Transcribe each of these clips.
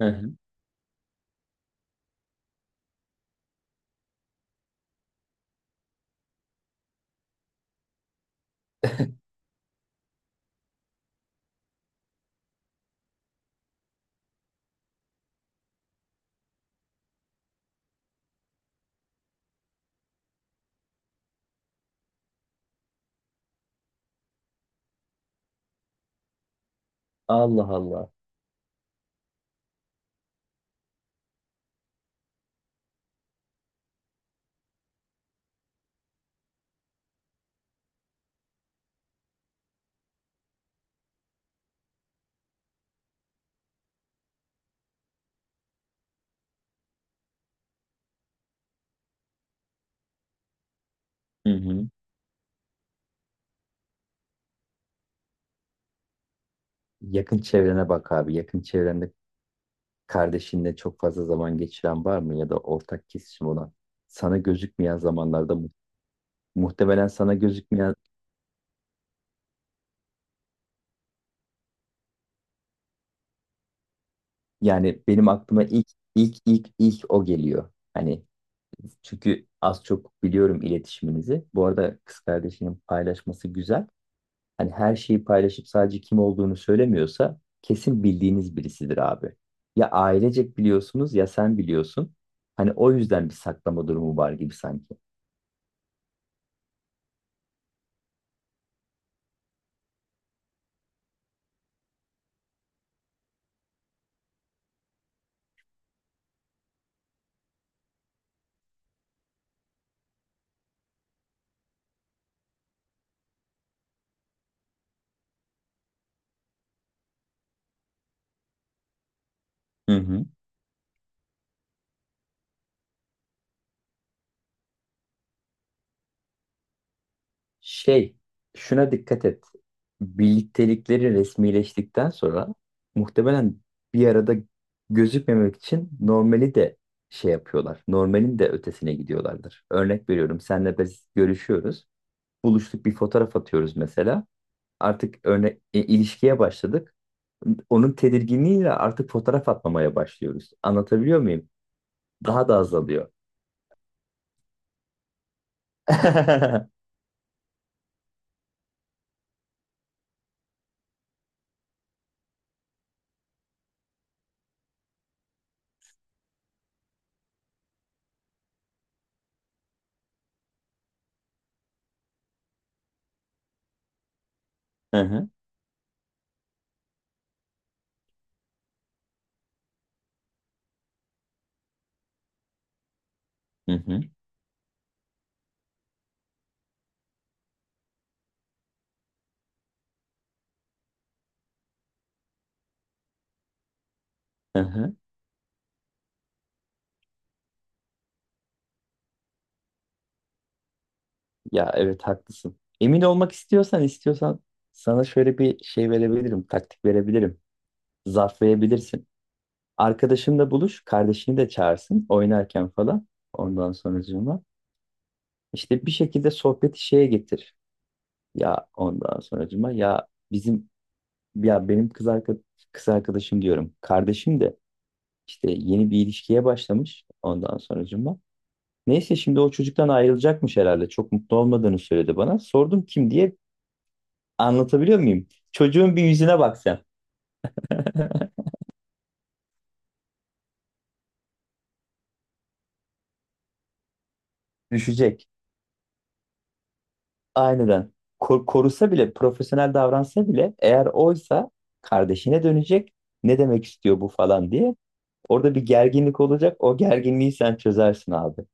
Hı hı. Allah Allah. Hı hı. Yakın çevrene bak abi. Yakın çevrende kardeşinle çok fazla zaman geçiren var mı ya da ortak kesişim olan? Sana gözükmeyen zamanlarda muhtemelen sana gözükmeyen, yani benim aklıma ilk o geliyor. Hani, çünkü az çok biliyorum iletişiminizi. Bu arada kız kardeşinin paylaşması güzel. Hani her şeyi paylaşıp sadece kim olduğunu söylemiyorsa kesin bildiğiniz birisidir abi. Ya ailecek biliyorsunuz ya sen biliyorsun. Hani o yüzden bir saklama durumu var gibi sanki. Hı hı. Şey, şuna dikkat et. Birliktelikleri resmileştikten sonra, muhtemelen bir arada gözükmemek için, normali de şey yapıyorlar. Normalin de ötesine gidiyorlardır. Örnek veriyorum, senle biz görüşüyoruz. Buluştuk, bir fotoğraf atıyoruz mesela. İlişkiye başladık. Onun tedirginliğiyle artık fotoğraf atmamaya başlıyoruz. Anlatabiliyor muyum? Daha da azalıyor. Hı hı, hı hı, hı hı. Ya evet, haklısın. Emin olmak istiyorsan sana şöyle bir şey verebilirim, taktik verebilirim. Zarflayabilirsin. Arkadaşınla buluş, kardeşini de çağırsın oynarken falan. Ondan sonracığıma işte bir şekilde sohbeti şeye getir. Ya ondan sonracığıma, ya bizim Ya benim kız arkadaşım, diyorum. Kardeşim de işte yeni bir ilişkiye başlamış ondan sonracığıma. Neyse, şimdi o çocuktan ayrılacakmış herhalde. Çok mutlu olmadığını söyledi bana. Sordum kim diye. Anlatabiliyor muyum? Çocuğun bir yüzüne bak sen. Düşecek. Aynen. Korusa bile, profesyonel davransa bile, eğer oysa, kardeşine dönecek. Ne demek istiyor bu falan diye. Orada bir gerginlik olacak. O gerginliği sen çözersin abi.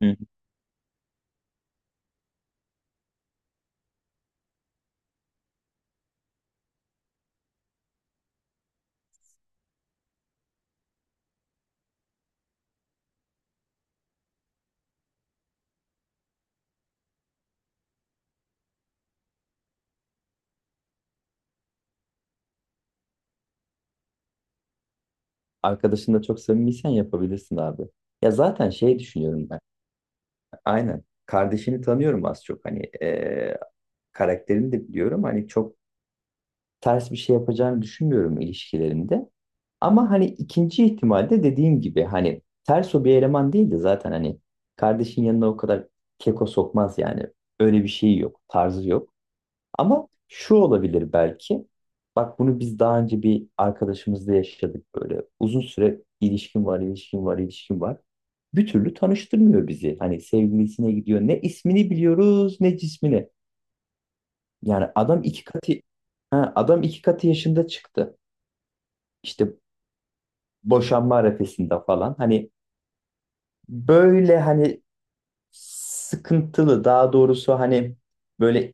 Arkadaşınla çok samimiysen yapabilirsin abi. Ya zaten şey düşünüyorum ben. Aynen. Kardeşini tanıyorum az çok. Hani karakterini de biliyorum. Hani çok ters bir şey yapacağını düşünmüyorum ilişkilerinde. Ama hani ikinci ihtimalde dediğim gibi, hani ters o bir eleman değil de, zaten hani kardeşin yanına o kadar keko sokmaz yani. Öyle bir şey yok. Tarzı yok. Ama şu olabilir belki. Bak, bunu biz daha önce bir arkadaşımızla yaşadık böyle. Uzun süre ilişkin var, ilişkin var, ilişkin var. Bir türlü tanıştırmıyor bizi. Hani sevgilisine gidiyor. Ne ismini biliyoruz, ne cismini. Yani adam iki katı yaşında çıktı. İşte boşanma arifesinde falan. Hani böyle, hani sıkıntılı, daha doğrusu hani böyle.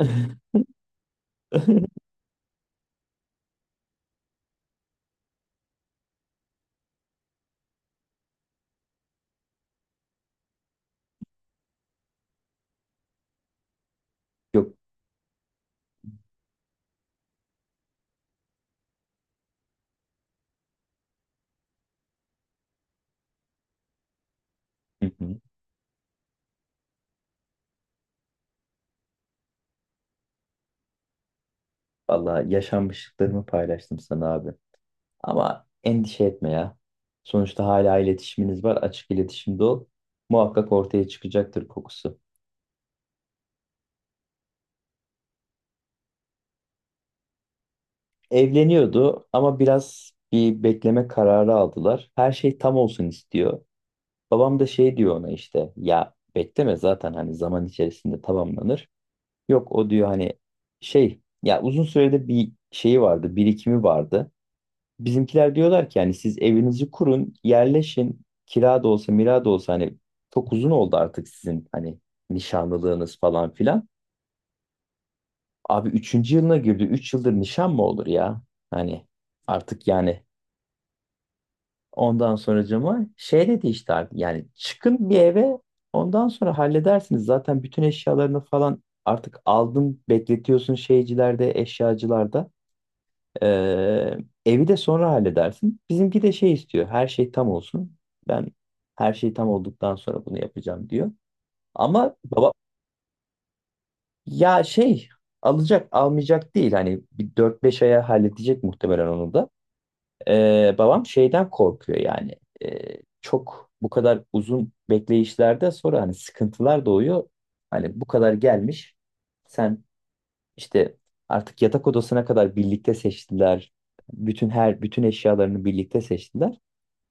Yok. Hı hı. Vallahi yaşanmışlıklarımı paylaştım sana abi. Ama endişe etme ya. Sonuçta hala iletişiminiz var. Açık iletişimde ol. Muhakkak ortaya çıkacaktır kokusu. Evleniyordu ama biraz bir bekleme kararı aldılar. Her şey tam olsun istiyor. Babam da şey diyor ona, işte ya bekleme, zaten hani zaman içerisinde tamamlanır. Yok, o diyor hani, şey ya, uzun süredir bir şeyi vardı, birikimi vardı. Bizimkiler diyorlar ki yani, siz evinizi kurun, yerleşin. Kira da olsa, mira da olsa, hani çok uzun oldu artık sizin hani nişanlılığınız falan filan. Abi üçüncü yılına girdi. Üç yıldır nişan mı olur ya? Hani, artık yani, ondan sonracığıma şey dedi işte, abi yani çıkın bir eve, ondan sonra halledersiniz. Zaten bütün eşyalarını falan artık aldın, bekletiyorsun şeycilerde, eşyacılarda. Ee, Evi de sonra halledersin. Bizimki de şey istiyor. Her şey tam olsun. Ben her şey tam olduktan sonra bunu yapacağım, diyor. Ama baba ya, şey alacak almayacak değil. Hani bir 4-5 aya halledecek muhtemelen onu da. Babam şeyden korkuyor yani. Çok bu kadar uzun bekleyişlerde sonra hani sıkıntılar doğuyor. Hani bu kadar gelmiş. Sen işte artık yatak odasına kadar birlikte seçtiler. Her bütün eşyalarını birlikte seçtiler.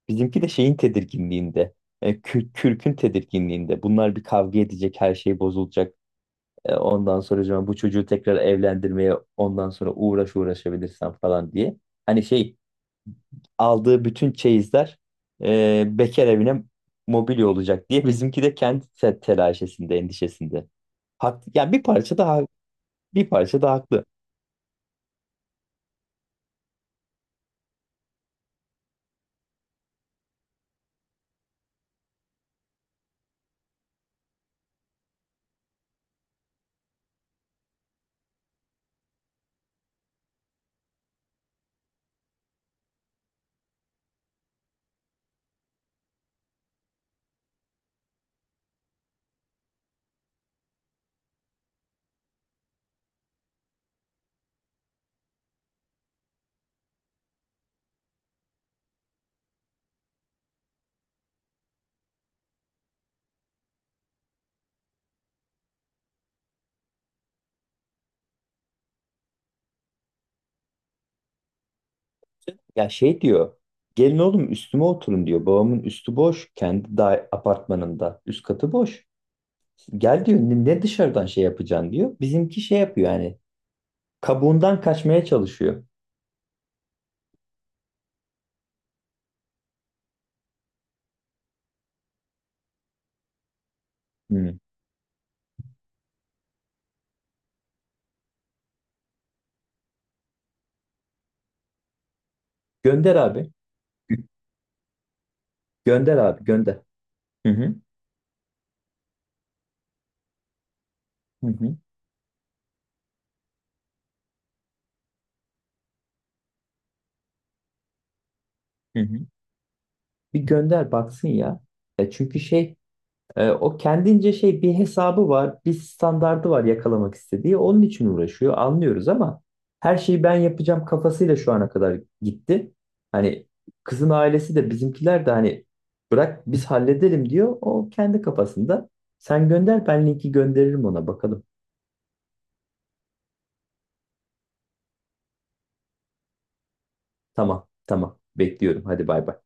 Bizimki de şeyin tedirginliğinde, kürkün tedirginliğinde. Bunlar bir kavga edecek, her şey bozulacak. Ondan sonra acaba bu çocuğu tekrar evlendirmeye ondan sonra uğraşabilirsem falan diye. Hani şey, aldığı bütün çeyizler bekar evine mobilya olacak diye, bizimki de kendi telaşesinde, endişesinde. Haklı. Yani bir parça daha haklı. Ya şey diyor. Gelin oğlum üstüme oturun, diyor. Babamın üstü boş. Kendi da apartmanında. Üst katı boş. Gel diyor. Ne dışarıdan şey yapacaksın, diyor. Bizimki şey yapıyor yani. Kabuğundan kaçmaya çalışıyor. Hı. Gönder abi. Gö- Gönder abi, gönder. Hı hı. Hı hı. Hı hı. Bir gönder baksın ya. Çünkü şey, o kendince şey, bir hesabı var, bir standardı var yakalamak istediği. Onun için uğraşıyor, anlıyoruz ama her şeyi ben yapacağım kafasıyla şu ana kadar gitti. Hani kızın ailesi de bizimkiler de hani bırak biz halledelim, diyor. O kendi kafasında. Sen gönder, ben linki gönderirim ona, bakalım. Tamam, tamam. Bekliyorum. Hadi bay bay.